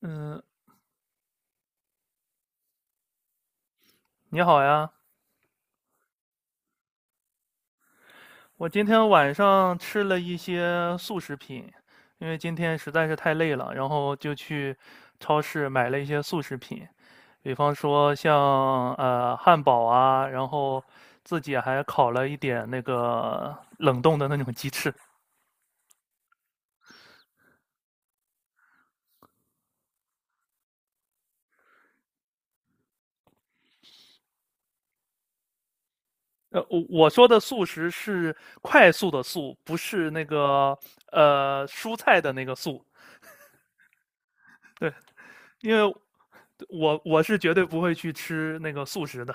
嗯，你好呀，我今天晚上吃了一些速食品，因为今天实在是太累了，然后就去超市买了一些速食品，比方说像汉堡啊，然后自己还烤了一点那个冷冻的那种鸡翅。我说的速食是快速的速，不是那个蔬菜的那个速。对，因为我是绝对不会去吃那个速食的。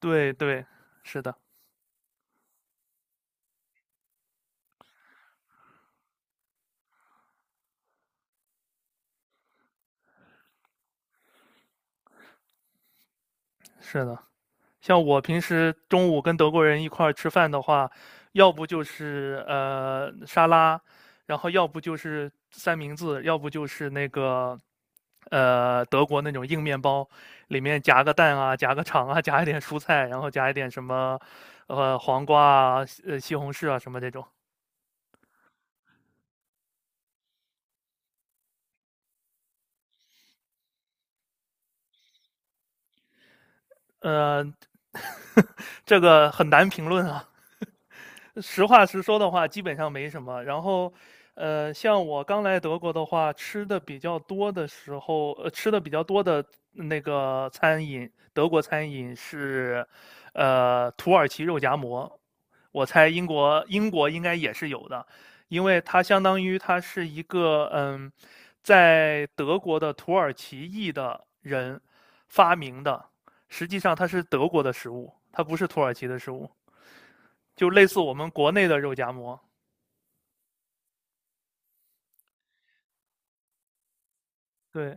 对对，是的，是的。像我平时中午跟德国人一块儿吃饭的话，要不就是沙拉，然后要不就是三明治，要不就是那个德国那种硬面包，里面夹个蛋啊，夹个肠啊，夹一点蔬菜，然后夹一点什么黄瓜啊、西红柿啊什么这种。呃，这个很难评论啊，实话实说的话，基本上没什么。然后，像我刚来德国的话，吃的比较多的时候，吃的比较多的那个餐饮，德国餐饮是，土耳其肉夹馍。我猜英国应该也是有的，因为它相当于它是一个在德国的土耳其裔的人发明的，实际上它是德国的食物，它不是土耳其的食物。就类似我们国内的肉夹馍。对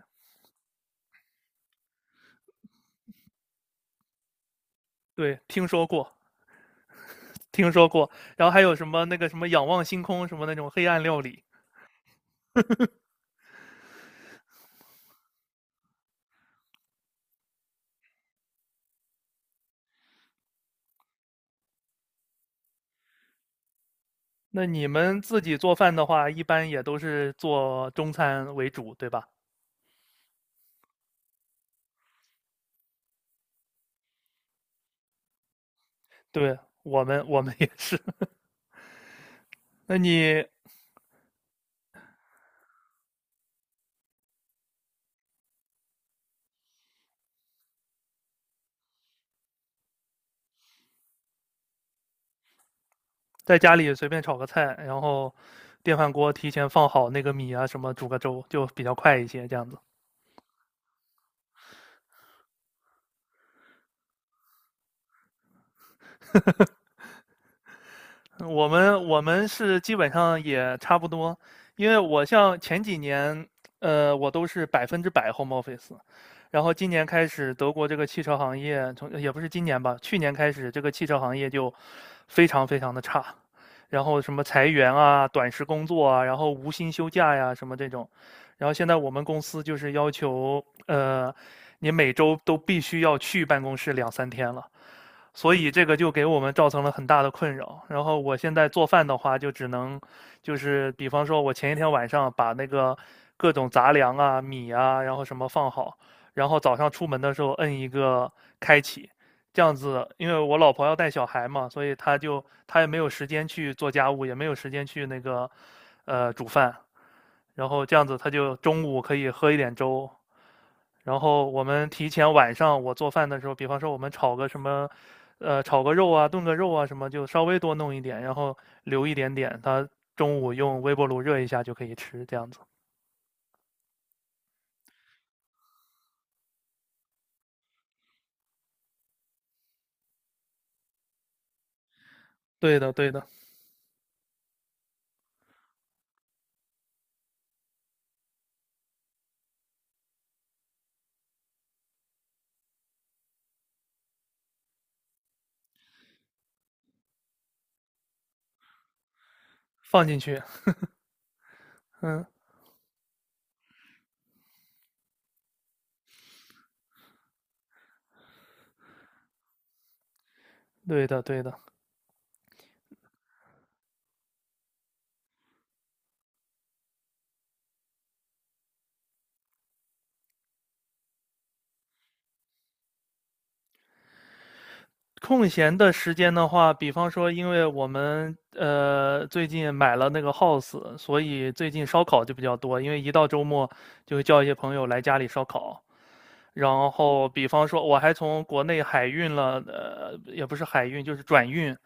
对，听说过，听说过。然后还有什么那个什么仰望星空什么那种黑暗料理。那你们自己做饭的话，一般也都是做中餐为主，对吧？对，我们也是。那你在家里随便炒个菜，然后电饭锅提前放好那个米啊，什么煮个粥，就比较快一些，这样子。我们是基本上也差不多，因为我像前几年，我都是100% home office,然后今年开始，德国这个汽车行业从也不是今年吧，去年开始这个汽车行业就非常非常的差，然后什么裁员啊、短时工作啊，然后无薪休假呀什么这种，然后现在我们公司就是要求，呃，你每周都必须要去办公室两三天了。所以这个就给我们造成了很大的困扰。然后我现在做饭的话，就只能就是比方说，我前一天晚上把那个各种杂粮啊、米啊，然后什么放好，然后早上出门的时候摁一个开启，这样子，因为我老婆要带小孩嘛，所以她也没有时间去做家务，也没有时间去那个煮饭，然后这样子她就中午可以喝一点粥，然后我们提前晚上我做饭的时候，比方说我们炒个什么，炒个肉啊，炖个肉啊什么，就稍微多弄一点，然后留一点点，它中午用微波炉热一下就可以吃，这样子。对的，对的，放进去。嗯，对的，对的。空闲的时间的话，比方说，因为我们最近买了那个 house,所以最近烧烤就比较多。因为一到周末，就会叫一些朋友来家里烧烤，然后，比方说，我还从国内海运了，也不是海运，就是转运，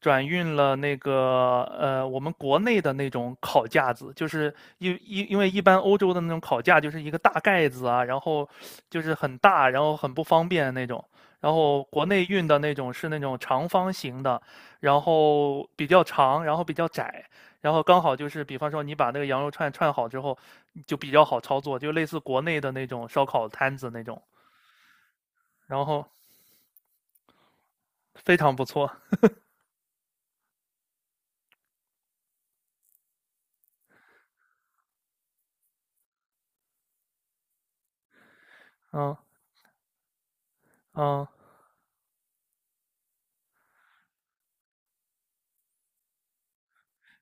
转运了那个，我们国内的那种烤架子，就是因为一般欧洲的那种烤架就是一个大盖子啊，然后就是很大，然后很不方便那种。然后国内运的那种是那种长方形的，然后比较长，然后比较窄，然后刚好就是，比方说你把那个羊肉串串好之后，就比较好操作，就类似国内的那种烧烤摊子那种。然后非常不错，嗯嗯。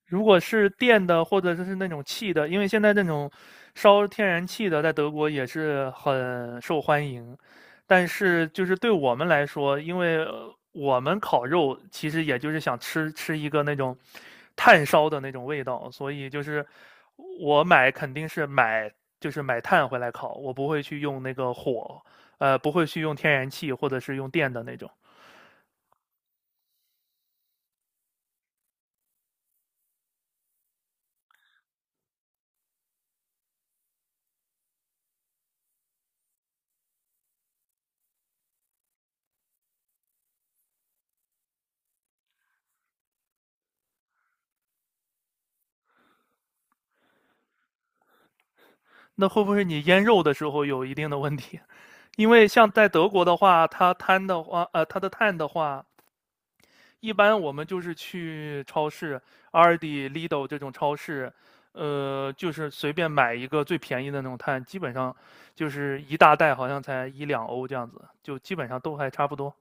如果是电的或者是那种气的，因为现在那种烧天然气的在德国也是很受欢迎，但是就是对我们来说，因为我们烤肉其实也就是想吃一个那种炭烧的那种味道，所以就是我买肯定是买就是买炭回来烤，我不会去用那个火，不会去用天然气或者是用电的那种。那会不会你腌肉的时候有一定的问题？因为像在德国的话，它碳的话，它的碳的话，一般我们就是去超市 Aldi Lidl 这种超市，就是随便买一个最便宜的那种碳，基本上就是一大袋，好像才一两欧这样子，就基本上都还差不多。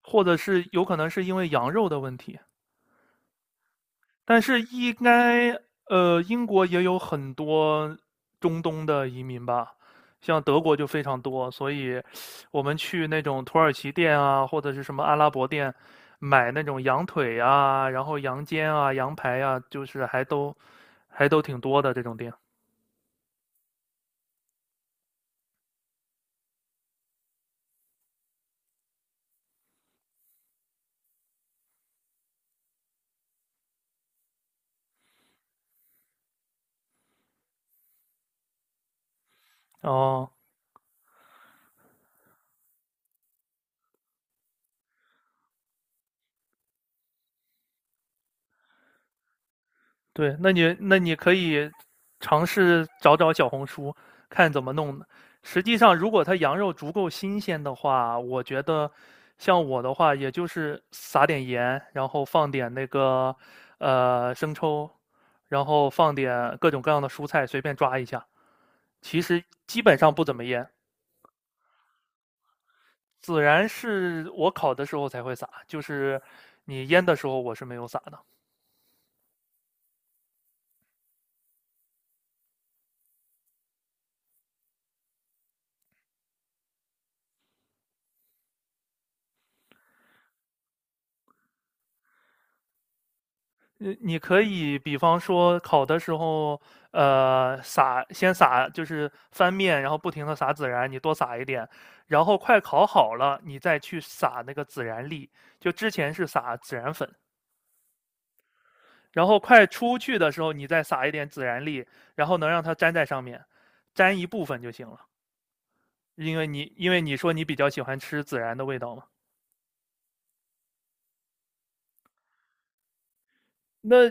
或者是有可能是因为羊肉的问题，但是应该，英国也有很多中东的移民吧，像德国就非常多，所以我们去那种土耳其店啊，或者是什么阿拉伯店，买那种羊腿啊，然后羊肩啊、羊排啊，就是还都挺多的这种店。哦，对，那你可以尝试找找小红书，看怎么弄的。实际上，如果它羊肉足够新鲜的话，我觉得像我的话，也就是撒点盐，然后放点那个生抽，然后放点各种各样的蔬菜，随便抓一下。其实基本上不怎么腌，孜然是我烤的时候才会撒，就是你腌的时候我是没有撒的。你可以比方说烤的时候，先撒就是翻面，然后不停的撒孜然，你多撒一点，然后快烤好了，你再去撒那个孜然粒。就之前是撒孜然粉，然后快出去的时候，你再撒一点孜然粒，然后能让它粘在上面，粘一部分就行了。因为你说你比较喜欢吃孜然的味道嘛，那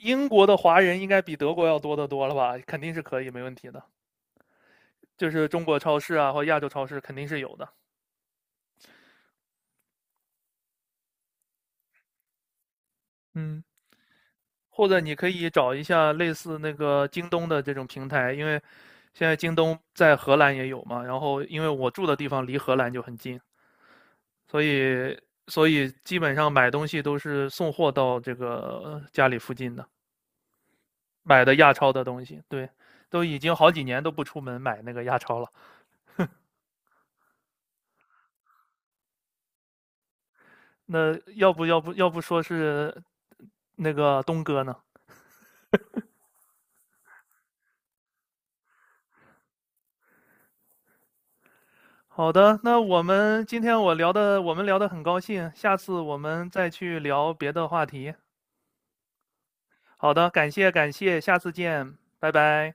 英国的华人应该比德国要多得多了吧？肯定是可以，没问题的。就是中国超市啊或亚洲超市肯定是有的。嗯或者你可以找一下类似那个京东的这种平台，因为现在京东在荷兰也有嘛。然后因为我住的地方离荷兰就很近，所以所以基本上买东西都是送货到这个家里附近的，买的亚超的东西。对，都已经好几年都不出门买那个亚超了。那要不说是那个东哥呢？好的，那我们今天我聊的，我们聊得很高兴，下次我们再去聊别的话题。好的，感谢感谢，下次见，拜拜。